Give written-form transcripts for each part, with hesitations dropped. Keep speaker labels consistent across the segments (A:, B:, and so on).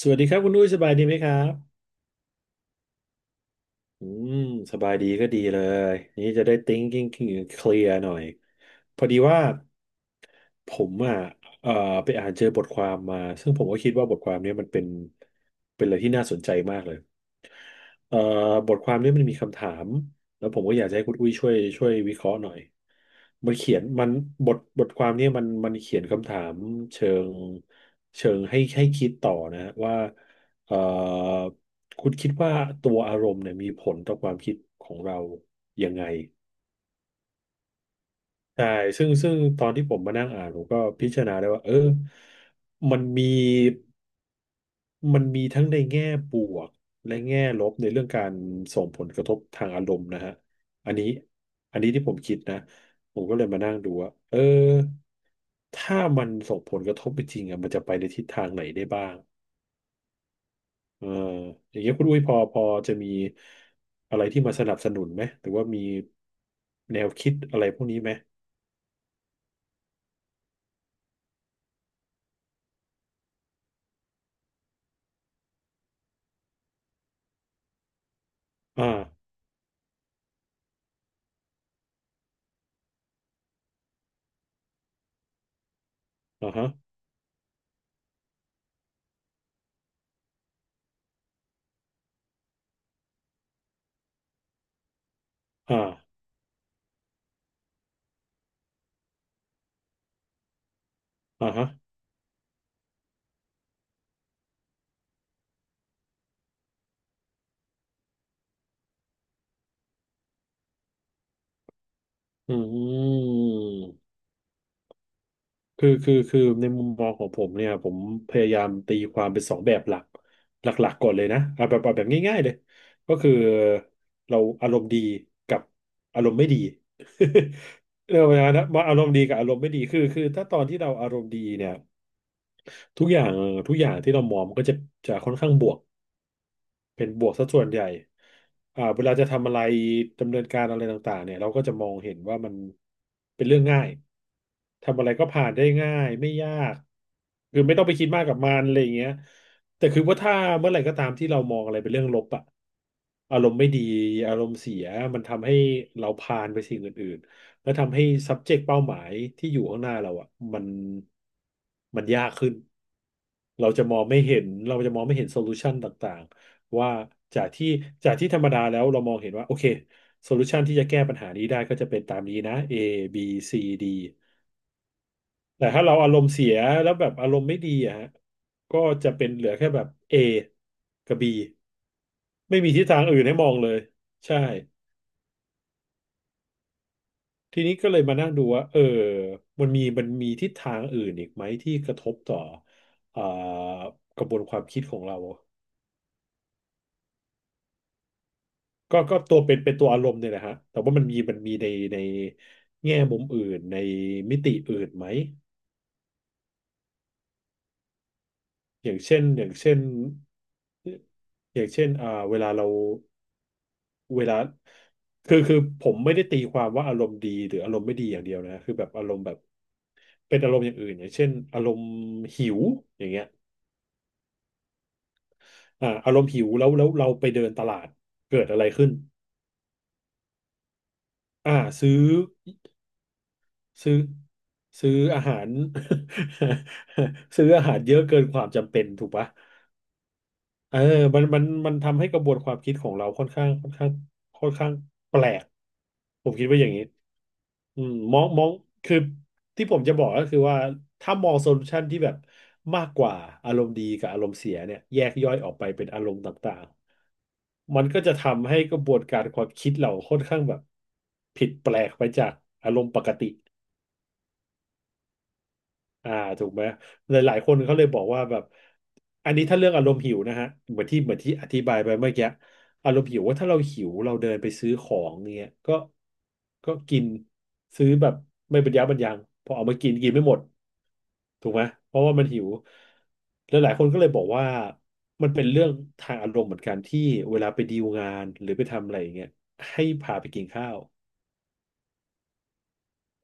A: สวัสดีครับคุณนุ้ยสบายดีไหมครับ อืมสบายดีก็ดีเลยนี่จะได้ thinking clear หน่อยพอดีว่าผมอ่ะเอ่อไปอ่านเจอบทความมาซึ่งผมก็คิดว่าบทความเนี้ยมันเป็น เป็นอะไรที่น่าสนใจมากเลย เอ่อบทความนี้มันมีคำถามแล้วผมก็อยากจะให้คุณอุ้ยช่วยวิเคราะห์หน่อยมันเขียนมันบทความนี้มันเขียนคำถามเชิงเชิงให้คิดต่อนะว่าเอ่อคุณคิดว่าตัวอารมณ์เนี่ยมีผลต่อความคิดของเรายังไงใช่ซึ่งตอนที่ผมมานั่งอ่านผมก็พิจารณาได้ว่าเออมันมี มันมีทั้งในแง่บวกและแง่ลบในเรื่องการส่งผลกระทบทางอารมณ์นะฮะ อันนี้อันนี้ที่ผมคิดนะผมก็เลยมานั่งดูว่าเออถ้ามันส่งผลกระทบจริงๆอ่ะมันจะไปในทิศทางไหนได้บ้างเอออย่างเงี้ยคุณอุ้ยพอจะมีอะไรที่มาสนับสนุนไหมหรือว่ามีแนวคิดอะไรพวกนี้ไหมอ่าอ่าฮะอ่าอ่าฮะอืม คือในมุมมองของผมเนี่ยผมพยายามตีความเป็นสองแบบหลักหลักๆก่อนเลยนะเอาแบบเอาแบบง่ายๆเลยก็คือเราอารมณ์ดีกับอารมณ์ไม่ดี เรื่องปะาณนั้นว่าอารมณ์ดีกับอารมณ์ไม่ดีคือถ้าตอนที่เราอารมณ์ดีเนี่ยทุกอย่างทุกอย่างที่เรามองมันก็จะจะค่อนข้างบวก เป็นบวกซะส่วนใหญ่อ่าเวลาจะทำอะไรดำเนินการอะไรต่างๆเนี่ยเราก็จะมองเห็นว่ามันเป็นเรื่องง่ายทำอะไรก็ผ่านได้ง่ายไม่ยาก คือไม่ต้องไปคิดมากกับมันอะไรอย่างเงี้ยแต่คือว่าถ้าเมื่อไหร่ก็ตามที่เรามองอะไรเป็นเรื่องลบอะอารมณ์ไม่ดีอารมณ์เสียมันทำให้เราผ่านไปสิ่งอื่นๆและทำให้ subject เป้าหมายที่อยู่ข้างหน้าเราอะมันมันยากขึ้น เราจะมองไม่เห็นเราจะมองไม่เห็นโซลูชันต่าง ว่าจากที่จากที่ธรรมดาแล้วเรามองเห็นว่าโอเคโซลูชันที่จะแก้ปัญหานี้ได้ก็จะเป็นตามนี้นะ A B C D แต่ถ้าเราอารมณ์เสียแล้วแบบอารมณ์ไม่ดีอะฮะก็จะเป็นเหลือแค่แบบ A กับ B ไม่มีทิศทางอื่นให้มองเลยใช่ทีนี้ก็เลยมานั่งดูว่าเออมันมีทิศทางอื่นอีกไหมที่กระทบต่อเอ่อกระบวนความคิดของเรา ก็ตัวเป็นเป็นตัวอารมณ์เนี่ยแหละฮะแต่ว่ามันมีในในแง่มุมอื่นในมิติอื่นไหมอย่างเช่นอย่างเช่นอย่างเช่นอ่าเวลาเราเวลาคือผมไม่ได้ตีความว่าอารมณ์ดีหรืออารมณ์ไม่ดีอย่างเดียวนะคือแบบอารมณ์แบบเป็นอารมณ์อย่างอื่นอย่างเช่นอารมณ์หิวอย่างเงี้ยอ่าอารมณ์หิวแล้วเราไปเดินตลาดเกิดอะไรขึ้นอ่าซื้อ ซื้อซื้ออาหาร ซื้ออาหารเยอะเกินความจำเป็นถูกปะเออมันทำให้กระบวนความคิดของเราค่อนข้างค่อนข้างค่อนข้างแปลกผมคิดว่าอย่างนี้อืมมองมองคือที่ผมจะบอกก็คือว่าถ้ามองโซลูชันที่แบบมากกว่าอารมณ์ดีกับอารมณ์เสียเนี่ยแยกย่อยออกไปเป็นอารมณ์ต่างๆมันก็จะทำให้กระบวนการความคิดเราค่อนข้างแบบผิดแปลกไปจากอารมณ์ปกติ อ่าถูกไหมหลายหลายคนเขาเลยบอกว่าแบบอันนี้ถ้าเรื่องอารมณ์หิวนะฮะเหมือนที่อธิบายไปเมื่อกี้อารมณ์หิวว่าถ้าเราหิวเราเดินไปซื้อของเงี้ยก็ก็กินซื้อแบบไม่บรรยะบรรยังพอเอามากินกินไม่หมดถูกไหมเพราะว่ามันหิวแล้วหลายคนก็เลยบอกว่ามันเป็นเรื่องทางอารมณ์เหมือนกันที่เวลาไปดีลงานหรือไปทำอะไรอย่างเงี้ยให้พาไปกินข้าว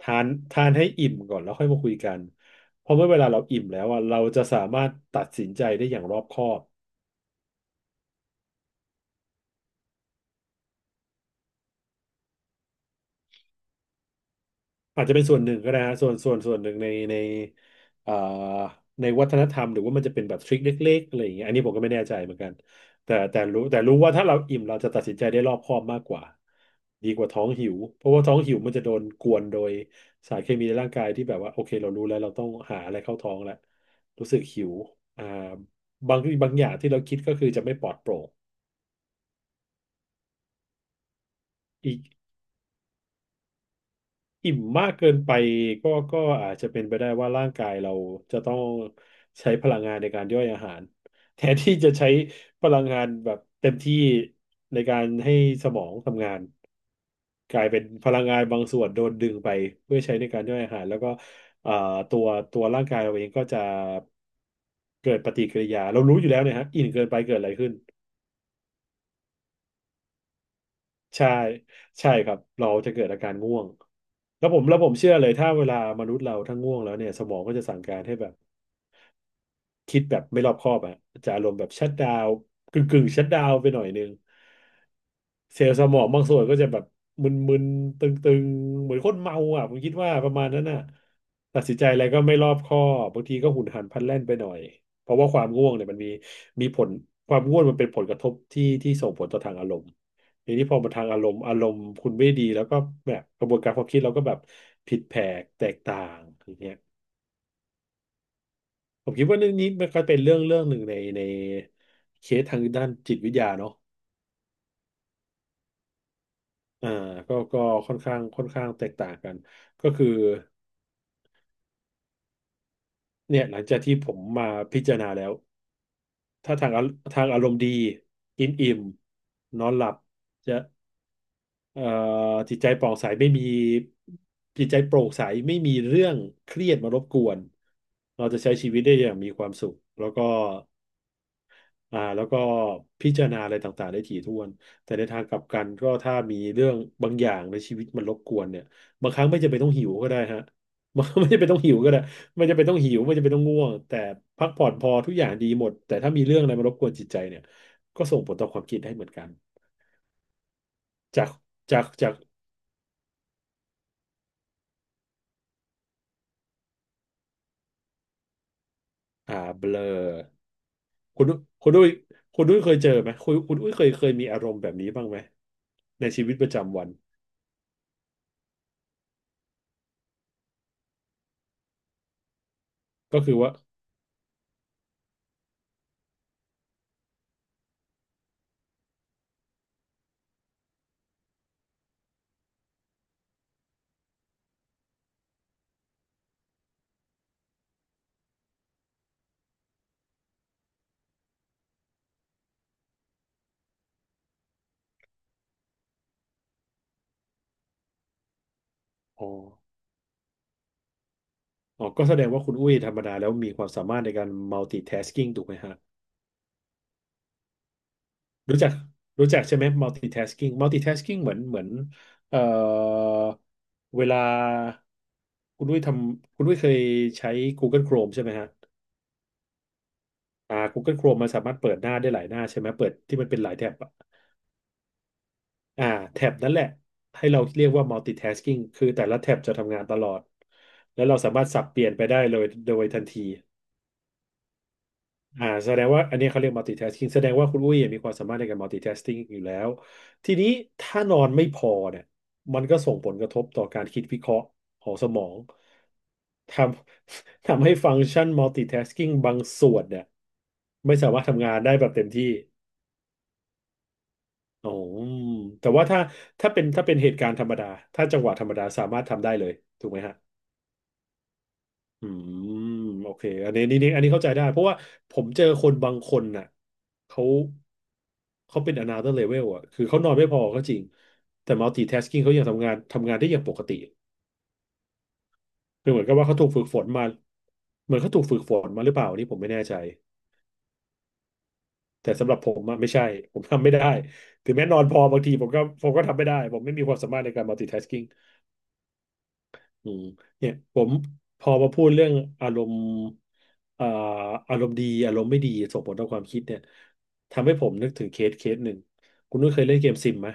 A: ทานให้อิ่มก่อนแล้วค่อยมาคุยกัน เพราะเมื่อเวลาเราอิ่มแล้วอะเราจะสามารถตัดสินใจได้อย่างรอบคอบ อาจจะเป็นส่วนหนึ่งก็ได้ฮะส่วนหนึ่งในเอ่อในวัฒนธรรมหรือว่ามันจะเป็นแบบทริคเล็กๆอะไรอย่างเงี้ยอันนี้ผมก็ไม่แน่ใจเหมือนกันแต่รู้ว่าถ้าเราอิ่มเราจะตัดสินใจได้รอบคอบมากกว่าดีกว่าท้องหิวเพราะว่าท้องหิวมันจะโดนกวนโดยสารเคมีในร่างกายที่แบบว่าโอเคเรารู้แล้วเราต้องหาอะไรเข้าท้องแล้วรู้สึกหิวอ่าบางอย่างที่เราคิดก็คือจะไม่ปลอดโปร่ง อิ่มมากเกินไปก็อาจจะเป็นไปได้ว่าร่างกายเราจะต้องใช้พลังงานในการย่อยอาหาร แทนที่จะใช้พลังงานแบบเต็มที่ในการให้สมองทำงานกลายเป็นพลังงานบางส่วนโดนดึงไปเพื่อใช้ในการย่อยอาหารแล้วก็เอ่อตัวตัวร่างกายเราเองก็จะเกิดปฏิกิริยาเรารู้อยู่แล้วเนี่ยฮะอิ่มเกินไปเกิดอะไรขึ้น ใช่ใช่ครับเราจะเกิดอาการง่วงแล้วผมเชื่อเลยถ้าเวลามนุษย์เราถ้าง่วงแล้วเนี่ยสมองก็จะสั่งการให้แบบ คิดแบบไม่รอบคอบอะจะอารมณ์แบบชั d ดาวกึ่งชัตดาวไปหน่อยนึงเซลล์สมองบางส่วนก็จะแบบมึนๆตึงๆเหมือนคนเมาอ่ะผมคิดว่าประมาณนั้นน่ะตัดสินใจอะไรก็ไม่รอบคอบบางทีก็หุนหันพลันแล่นไปหน่อยเพราะว่าความง่วงเนี่ยมันมีผลความง่วงมันเป็นผลกระทบที่ส่งผลต่อทางอารมณ์ทีนี้พอมาทางอารมณ์อารมณ์คุณไม่ดีแล้วก็แบบกระบวนการความคิดเราก็แบบผิดแผกแตกต่างอย่างเงี้ย ผมคิดว่าเรื่องนี้มันก็เป็นเรื่องหนึ่งในในเคสทางด้านจิตวิทยาเนาะอ่าก็ค่อนข้างแตกต่างกัน ก็คือเนี่ยหลังจากที่ผมมาพิจารณาแล้วถ้าทางอารมณ์ดีกินอิ่มนอนหลับจะเอ่อจิตใจป่องใสไม่มีจิตใจโปร่งใสไม่มีเรื่องเครียดมารบกวนเราจะใช้ชีวิตได้อย่างมีความสุขแล้วก็ แล้วก็พิจารณาอะไรต่างๆได้ถี่ถ้วนแต่ในทางกลับกันก็ถ้ามีเรื่องบางอย่างในชีวิตมันรบกวนเนี่ยบางครั้งไม่จำเป็นต้องหิวก็ได้ฮะ มันไม่จำเป็นต้องหิวก็ได้ไม่จำเป็นต้องหิวไม่จำเป็นต้องง่วงแต่พักผ่อนพอทุกอย่างดีหมดแต่ถ้ามีเรื่องอะไรมารบกวนจิตใจเนี่ยก็ส่งผลต่อความคิดได้เหมือนกันจากจากจากอ่าเบลอคุณคุณด้วยคุณด้วยเคยเจอไหมคุณด้วยเคยมีอารมณ์แบบนี้บ้างไหมในชีวิตประจำวันก็คือว่าอ๋อ อ๋อก็แสดงว่าคุณอุ้ยธรรมดาแล้วมีความสามารถในการ multitasking ถูกไหมฮะรู้จักรู้จักใช่ไหม multitasking เหมือนเอ่อเวลาคุณอุ้ยทคุณอุ้ยเคยใช้ Google Chrome ใช่ไหมฮะอ่า Google Chrome มันสามารถเปิดหน้าได้หลายหน้าใช่ไหมเปิดที่มันเป็นหลายแท็บอะอ่าแท็บนั่นแหละให้เราเรียกว่า multitasking คือแต่ละแท็บจะทำงานตลอดแล้วเราสามารถสับเปลี่ยนไปได้เลยโดยทันที อ่าแสดงว่าอันนี้เขาเรียก multitasking แสดงว่าคุณอุ้ยมีความสามารถในการ multitasking อยู่แล้วทีนี้ถ้านอนไม่พอเนี่ยมันก็ส่งผลกระทบต่อการคิดวิเคราะห์ของสมองทำ ทำให้ฟังก์ชัน multitasking บางส่วนเนี่ยไม่สามารถทำงานได้แบบเต็มที่อ๋อแต่ว่าถ้าถ้าเป็นเหตุการณ์ธรรมดาถ้าจังหวะธรรมดาสามารถทำได้เลยถูกไหมฮะ อืมโอเคอันนี้นี่อันนี้เข้าใจได้เพราะว่าผมเจอคนบางคนน่ะเขาเขาเป็น another level อ่ะคือเขานอนไม่พอก็จริงแต่ multitasking เขายังทำงานได้อย่างปกติคือเหมือนกับว่าเขาถูกฝึกฝนมาเหมือนเขาถูกฝึกฝนมาหรือเปล่าอันนี้ผมไม่แน่ใจแต่สำหรับผมอะไม่ใช่ผมทำไม่ได้ถึงแม้นอนพอบางทีผมก็ทำไม่ได้ผมไม่มีความสามารถในการ multitasking อืมเนี่ยผมพอมาพูดเรื่องอารมณ์เอ่ออารมณ์ดีอารมณ์ไม่ดีส่งผลต่อความคิดเนี่ยทำให้ผมนึกถึงเคสหนึ่งคุณนุ้ยเคยเล่นเกมซิมไหม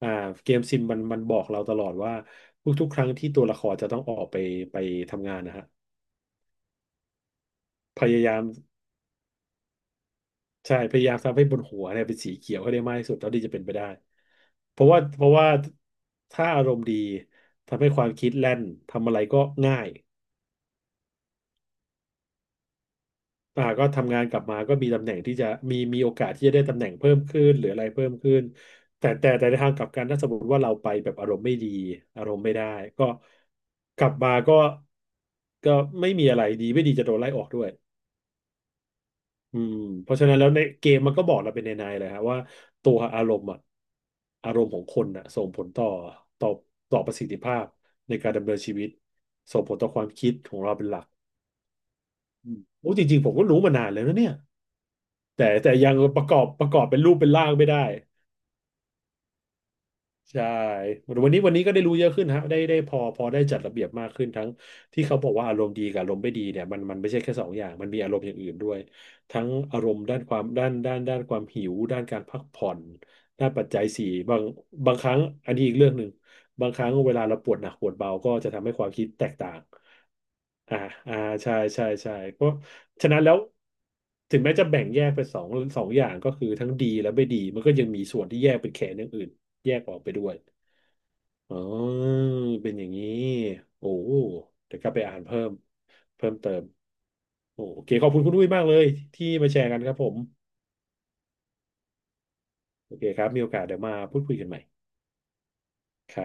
A: อ่าเกมซิมมันบอกเราตลอดว่าทุกๆครั้งที่ตัวละครจะต้องออกไปไปทำงานนะฮะพยายามใช่พยายามทำให้บนหัวเนี่ยเป็นสีเขียวให้ได้มากที่สุดเท่าที่จะเป็นไปได้เพราะว่าถ้าอารมณ์ดีทำให้ความคิดแล่นทำอะไรก็ง่าย อ่าก็ทำงานกลับมาก็มีตำแหน่งที่จะมีโอกาสที่จะได้ตำแหน่งเพิ่มขึ้นหรืออะไรเพิ่มขึ้นแต่ในทางกลับกันถ้าสมมติว่าเราไปแบบอารมณ์ไม่ดีอารมณ์ไม่ได้ก็กลับมาก็ไม่มีอะไรดีไม่ดีจะโดนไล่ออกด้วยอืมเพราะฉะนั้นแล้วในเกมมันก็บอกเราเป็นในเลยฮะว่าตัวอารมณ์อะอารมณ์ของคนอะส่งผลต่อต่อต่อประสิทธิภาพในการดำเนินชีวิตส่งผลต่อความคิดของเราเป็นหลักอืมโอ้จริงๆผมก็รู้มานานแล้วนะเนี่ย แต่ยังประกอบเป็นรูปเป็นร่างไม่ได้ใช่วันนี้ก็ได้รู้เยอะขึ้นฮะได้พอได้จัดระเบียบมากขึ้นทั้งที่เขาบอกว่าอารมณ์ดีกับอารมณ์ไม่ดีเนี่ยมันไม่ใช่แค่สองอย่างมันมีอารมณ์อย่างอื่นด้วยทั้งอารมณ์ด้านความด้านความหิวด้านการพักผ่อนด้านปัจจัยสี่บางบางครั้งอันนี้อีกเรื่องหนึ่ง บางครั้งเวลาเราปวดหนักปวดเบาก็จะทำให้ความคิดแตกต่าง อ่าอ่าใช่ใช่ใช่เพราะฉะนั้นแล้วถึงแม้จะแบ่งแยกเป็นสองสองอย่างก็คือทั้งดีและไม่ดีมันก็ยังมีส่วนที่แยกเป็นแขนอย่างอื่นแยกออกไปด้วย อ๋อ เป็นอย่างนี้ โอ้เดี๋ยวกลับไปอ่านเพิ่มเพิ่มเติมโอโอเค ขอบคุณคุณอุ้ยมากเลยที่มาแชร์กันครับผม โอเคครับมีโอกาสเดี๋ยวมาพูดคุยกันใหม่ครับ